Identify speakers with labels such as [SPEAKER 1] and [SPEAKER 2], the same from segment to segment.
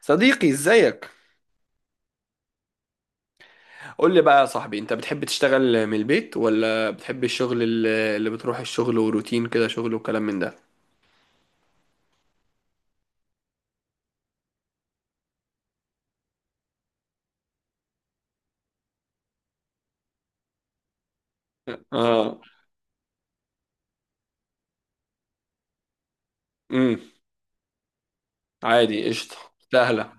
[SPEAKER 1] صديقي ازيك؟ قول لي بقى يا صاحبي، انت بتحب تشتغل من البيت ولا بتحب الشغل اللي بتروح الشغل وروتين كده شغل وكلام من ده؟ اه. امم. عادي قشطه. سهله.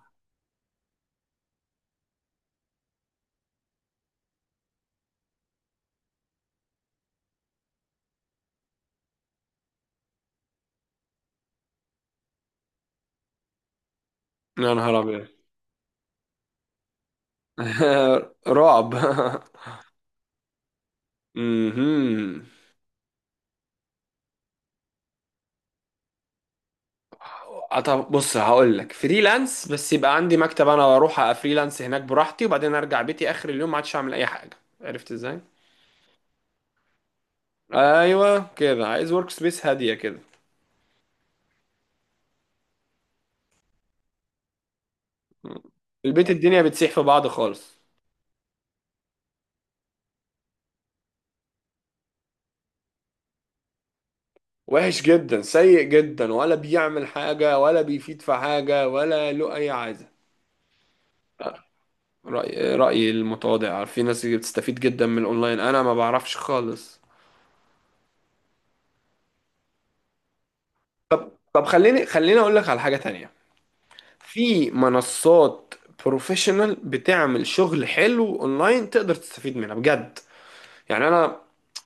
[SPEAKER 1] يا نهار ابيض! رعب. امم. طب بص هقول لك، فريلانس، بس يبقى عندي مكتب انا واروح افريلانس هناك براحتي وبعدين ارجع بيتي اخر اليوم ما عادش اعمل اي حاجه، عرفت ازاي؟ ايوه كده، عايز ورك سبيس هاديه كده. البيت الدنيا بتسيح في بعض خالص. وحش جدا، سيء جدا، ولا بيعمل حاجة ولا بيفيد في حاجة ولا له أي عايزة. رأيي المتواضع، في ناس بتستفيد جدا من الأونلاين، أنا ما بعرفش خالص. طب خليني أقول لك على حاجة تانية. في منصات بروفيشنال بتعمل شغل حلو أونلاين، تقدر تستفيد منها بجد. يعني أنا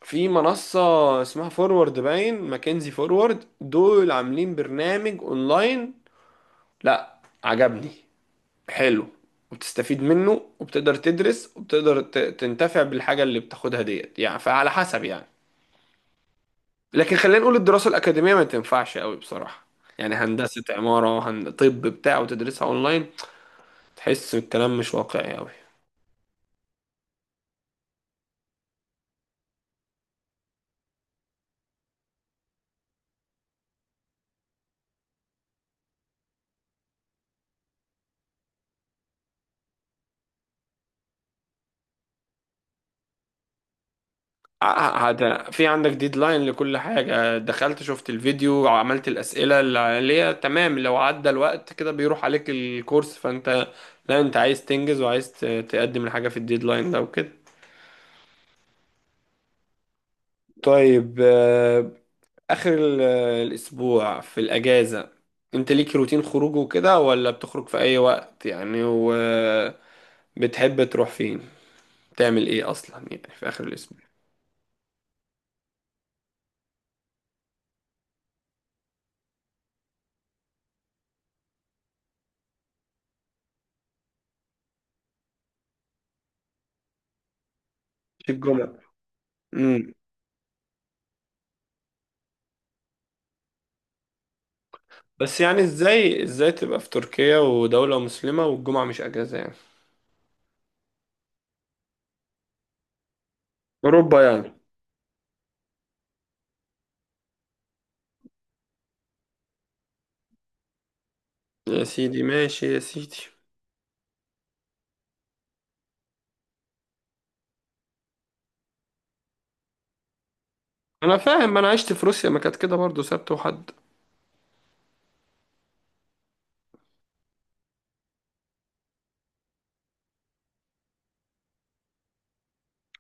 [SPEAKER 1] في منصة اسمها فورورد، باين ماكنزي فورورد دول عاملين برنامج أونلاين، لا عجبني، حلو، وبتستفيد منه وبتقدر تدرس وبتقدر تنتفع بالحاجة اللي بتاخدها ديت، يعني فعلى حسب يعني. لكن خلينا نقول الدراسة الأكاديمية ما تنفعش قوي بصراحة. يعني هندسة عمارة طب بتاع وتدرسها أونلاين، تحس الكلام مش واقعي قوي. هذا في عندك ديدلاين لكل حاجة، دخلت شفت الفيديو عملت الأسئلة اللي عليها تمام، لو عدى الوقت كده بيروح عليك الكورس، فأنت لا، أنت عايز تنجز وعايز تقدم الحاجة في الديدلاين ده وكده. طيب آخر الأسبوع في الأجازة، أنت ليك روتين خروج وكده ولا بتخرج في أي وقت يعني؟ وبتحب تروح فين؟ تعمل إيه أصلا يعني في آخر الأسبوع؟ في الجمعة. امم. بس يعني، إزاي تبقى في تركيا ودولة مسلمة والجمعة مش أجازة يعني؟ أوروبا يعني. يا سيدي ماشي يا سيدي. أنا فاهم، أنا عشت في روسيا ما كانت كده برضه، سبت وحد.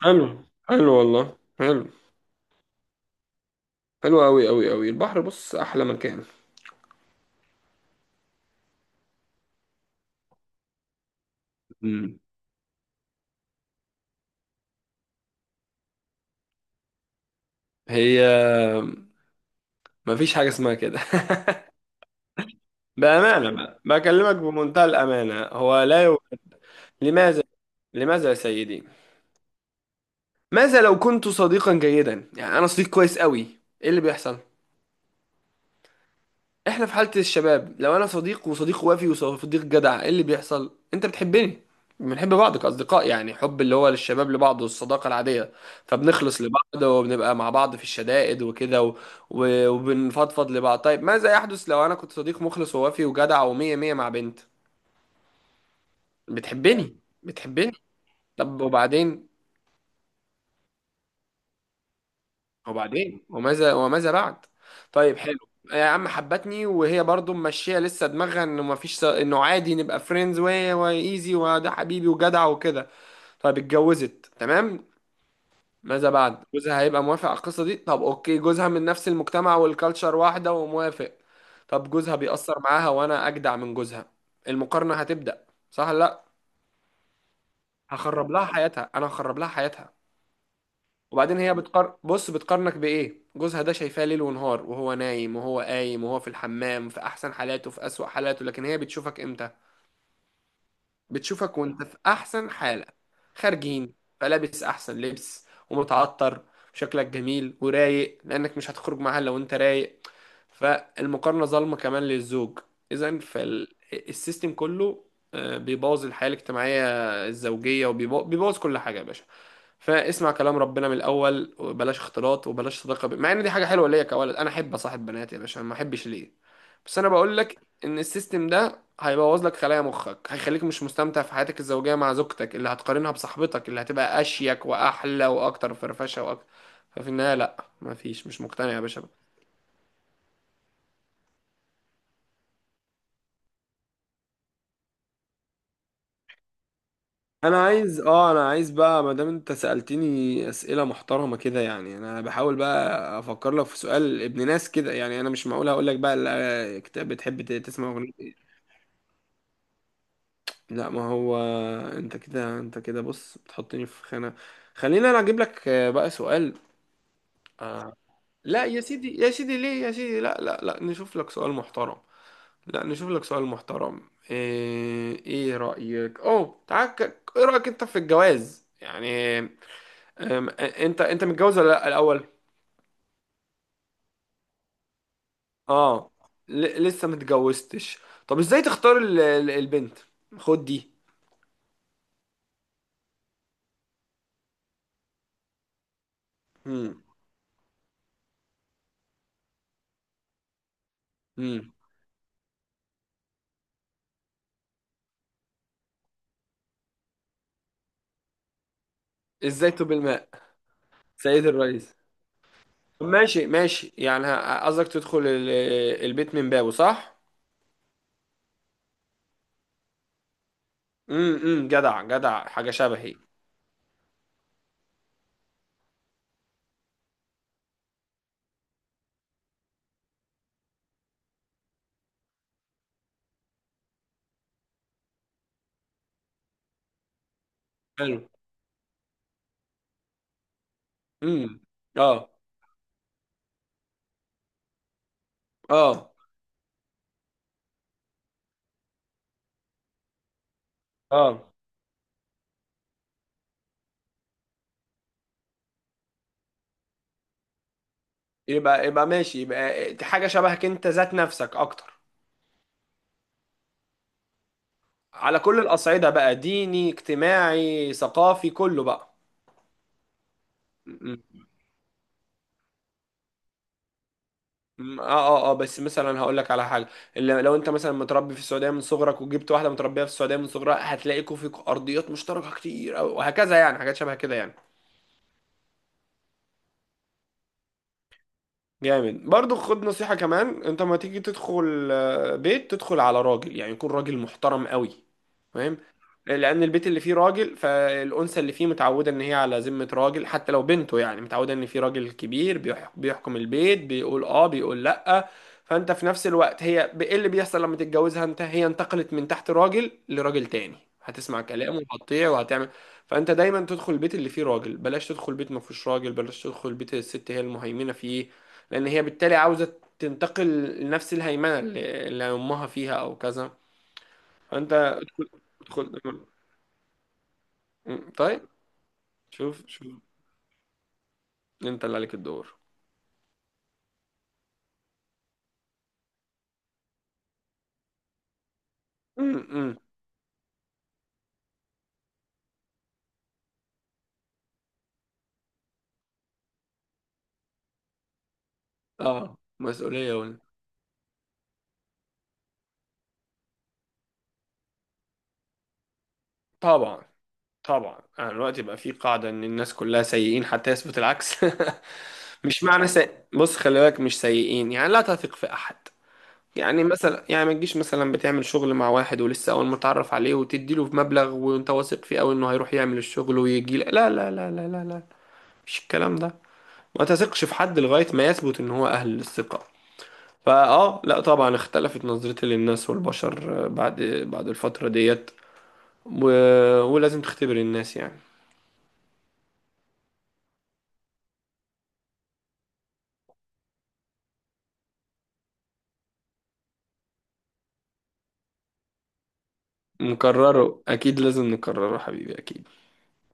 [SPEAKER 1] حلو حلو والله حلو. حلو أوي أوي أوي، البحر بص أحلى مكان. امم. هي مفيش حاجة اسمها كده. بأمانة بقى، بكلمك بمنتهى الأمانة، هو لا يوجد. لماذا؟ لماذا يا سيدي؟ ماذا لو كنت صديقا جيدا؟ يعني أنا صديق كويس قوي، إيه اللي بيحصل؟ إحنا في حالة الشباب، لو أنا صديق وصديق وافي وصديق جدع، إيه اللي بيحصل؟ أنت بتحبني، بنحب بعض كأصدقاء، يعني حب اللي هو للشباب لبعض والصداقة العادية. فبنخلص لبعض وبنبقى مع بعض في الشدائد وكده وبنفضفض لبعض. طيب ماذا يحدث لو أنا كنت صديق مخلص ووافي وجدع ومية مية مع بنت بتحبني؟ بتحبني. طب وبعدين؟ وبعدين؟ وماذا، وماذا بعد؟ طيب، حلو. يا عم حبتني، وهي برضو ماشيه لسه دماغها انه ما فيش، انه عادي نبقى فريندز وايزي وده حبيبي وجدع وكده. طيب اتجوزت، تمام. ماذا بعد؟ جوزها هيبقى موافق على القصه دي؟ طب اوكي، جوزها من نفس المجتمع والكالتشر واحده وموافق. طب جوزها بيأثر معاها، وانا اجدع من جوزها، المقارنه هتبدأ صح لا؟ هخرب لها حياتها، انا هخرب لها حياتها. وبعدين هي بتقار، بص بتقارنك بإيه؟ جوزها ده شايفاه ليل ونهار، وهو نايم وهو قايم وهو في الحمام، في أحسن حالاته في أسوأ حالاته، لكن هي بتشوفك إمتى؟ بتشوفك وانت في احسن حالة، خارجين، فلابس احسن لبس ومتعطر وشكلك جميل ورايق، لانك مش هتخرج معاها لو انت رايق، فالمقارنة ظالمة كمان للزوج. اذا فالسيستم كله بيبوظ الحياة الاجتماعية الزوجية، وبيبوظ كل حاجة يا باشا. فاسمع كلام ربنا من الاول، وبلاش اختلاط وبلاش مع ان دي حاجه حلوه ليا كولد، انا احب اصاحب بنات يا باشا، ما احبش ليه؟ بس انا بقول لك ان السيستم ده هيبوظ لك خلايا مخك، هيخليك مش مستمتع في حياتك الزوجية مع زوجتك اللي هتقارنها بصاحبتك اللي هتبقى أشيك وأحلى وأكتر فرفشة وأكتر. ففي النهاية لأ، مفيش، مش مقتنع يا باشا. انا عايز بقى، ما دام انت سألتني اسئله محترمه كده، يعني انا بحاول بقى افكر لك في سؤال ابن ناس كده، يعني انا مش معقول اقول لك بقى، لا، كتاب بتحب تسمع اغنيه إيه. لا ما هو، انت كده بص، بتحطني في خانه. خلينا انا اجيب لك بقى سؤال. لا يا سيدي، يا سيدي ليه يا سيدي، لا، نشوف لك سؤال محترم. لا نشوف لك سؤال محترم، إيه رأيك؟ اوه تعال، ايه رأيك انت في الجواز يعني؟ انت متجوز ولا لا الاول؟ اه. لسه متجوزتش. طب ازاي تختار البنت؟ خد دي. مم. مم. ازاي تب الماء، سيد الرئيس. ماشي ماشي، يعني قصدك تدخل البيت من بابه، صح؟ امم. جدع حاجة شبهي. حلو. امم. اه اه اه. يبقى ماشي، يبقى حاجة شبهك انت ذات نفسك اكتر. على كل الأصعدة بقى، ديني اجتماعي ثقافي كله بقى. م- اه اه اه، بس مثلا هقول لك على حاجة، اللي لو انت مثلا متربي في السعودية من صغرك، وجبت واحدة متربية في السعودية من صغرها، هتلاقيكوا فيكوا أرضيات مشتركة كتير أوي، وهكذا يعني، حاجات شبه كده يعني. جامد. برضو خد نصيحة كمان، انت ما تيجي تدخل بيت، تدخل على راجل، يعني يكون راجل محترم قوي، فاهم؟ لان البيت اللي فيه راجل، فالانثى اللي فيه متعودة ان هي على ذمة راجل حتى لو بنته، يعني متعودة ان في راجل كبير بيحكم البيت، بيقول اه بيقول لا. فانت في نفس الوقت، هي ايه اللي بيحصل لما تتجوزها انت؟ هي انتقلت من تحت راجل لراجل تاني، هتسمع كلامه وهتطيع وهتعمل. فانت دايما تدخل البيت اللي فيه راجل، بلاش تدخل بيت ما فيهوش راجل، بلاش تدخل بيت الست هي المهيمنة فيه، لان هي بالتالي عاوزه تنتقل لنفس الهيمنه اللي امها فيها او كذا. فانت تدخل. طيب. شوف شوف، انت اللي عليك الدور. امم. اه، مسؤوليه ولا. طبعا. طبعا، انا دلوقتي بقى في قاعده ان الناس كلها سيئين حتى يثبت العكس. مش معنى سي... بص خلي بالك، مش سيئين يعني، لا تثق في احد. يعني مثلا، يعني ما تجيش مثلا بتعمل شغل مع واحد ولسه اول ما تعرف عليه وتدي له مبلغ وانت واثق فيه قوي انه هيروح يعمل الشغل ويجي لك. لا، مش الكلام ده. ما تثقش في حد لغاية ما يثبت ان هو اهل للثقة. فاه لا طبعا اختلفت نظرتي للناس والبشر بعد الفترة ديت و... ولازم تختبر الناس يعني. نكرره، اكيد لازم نكرره حبيبي، اكيد.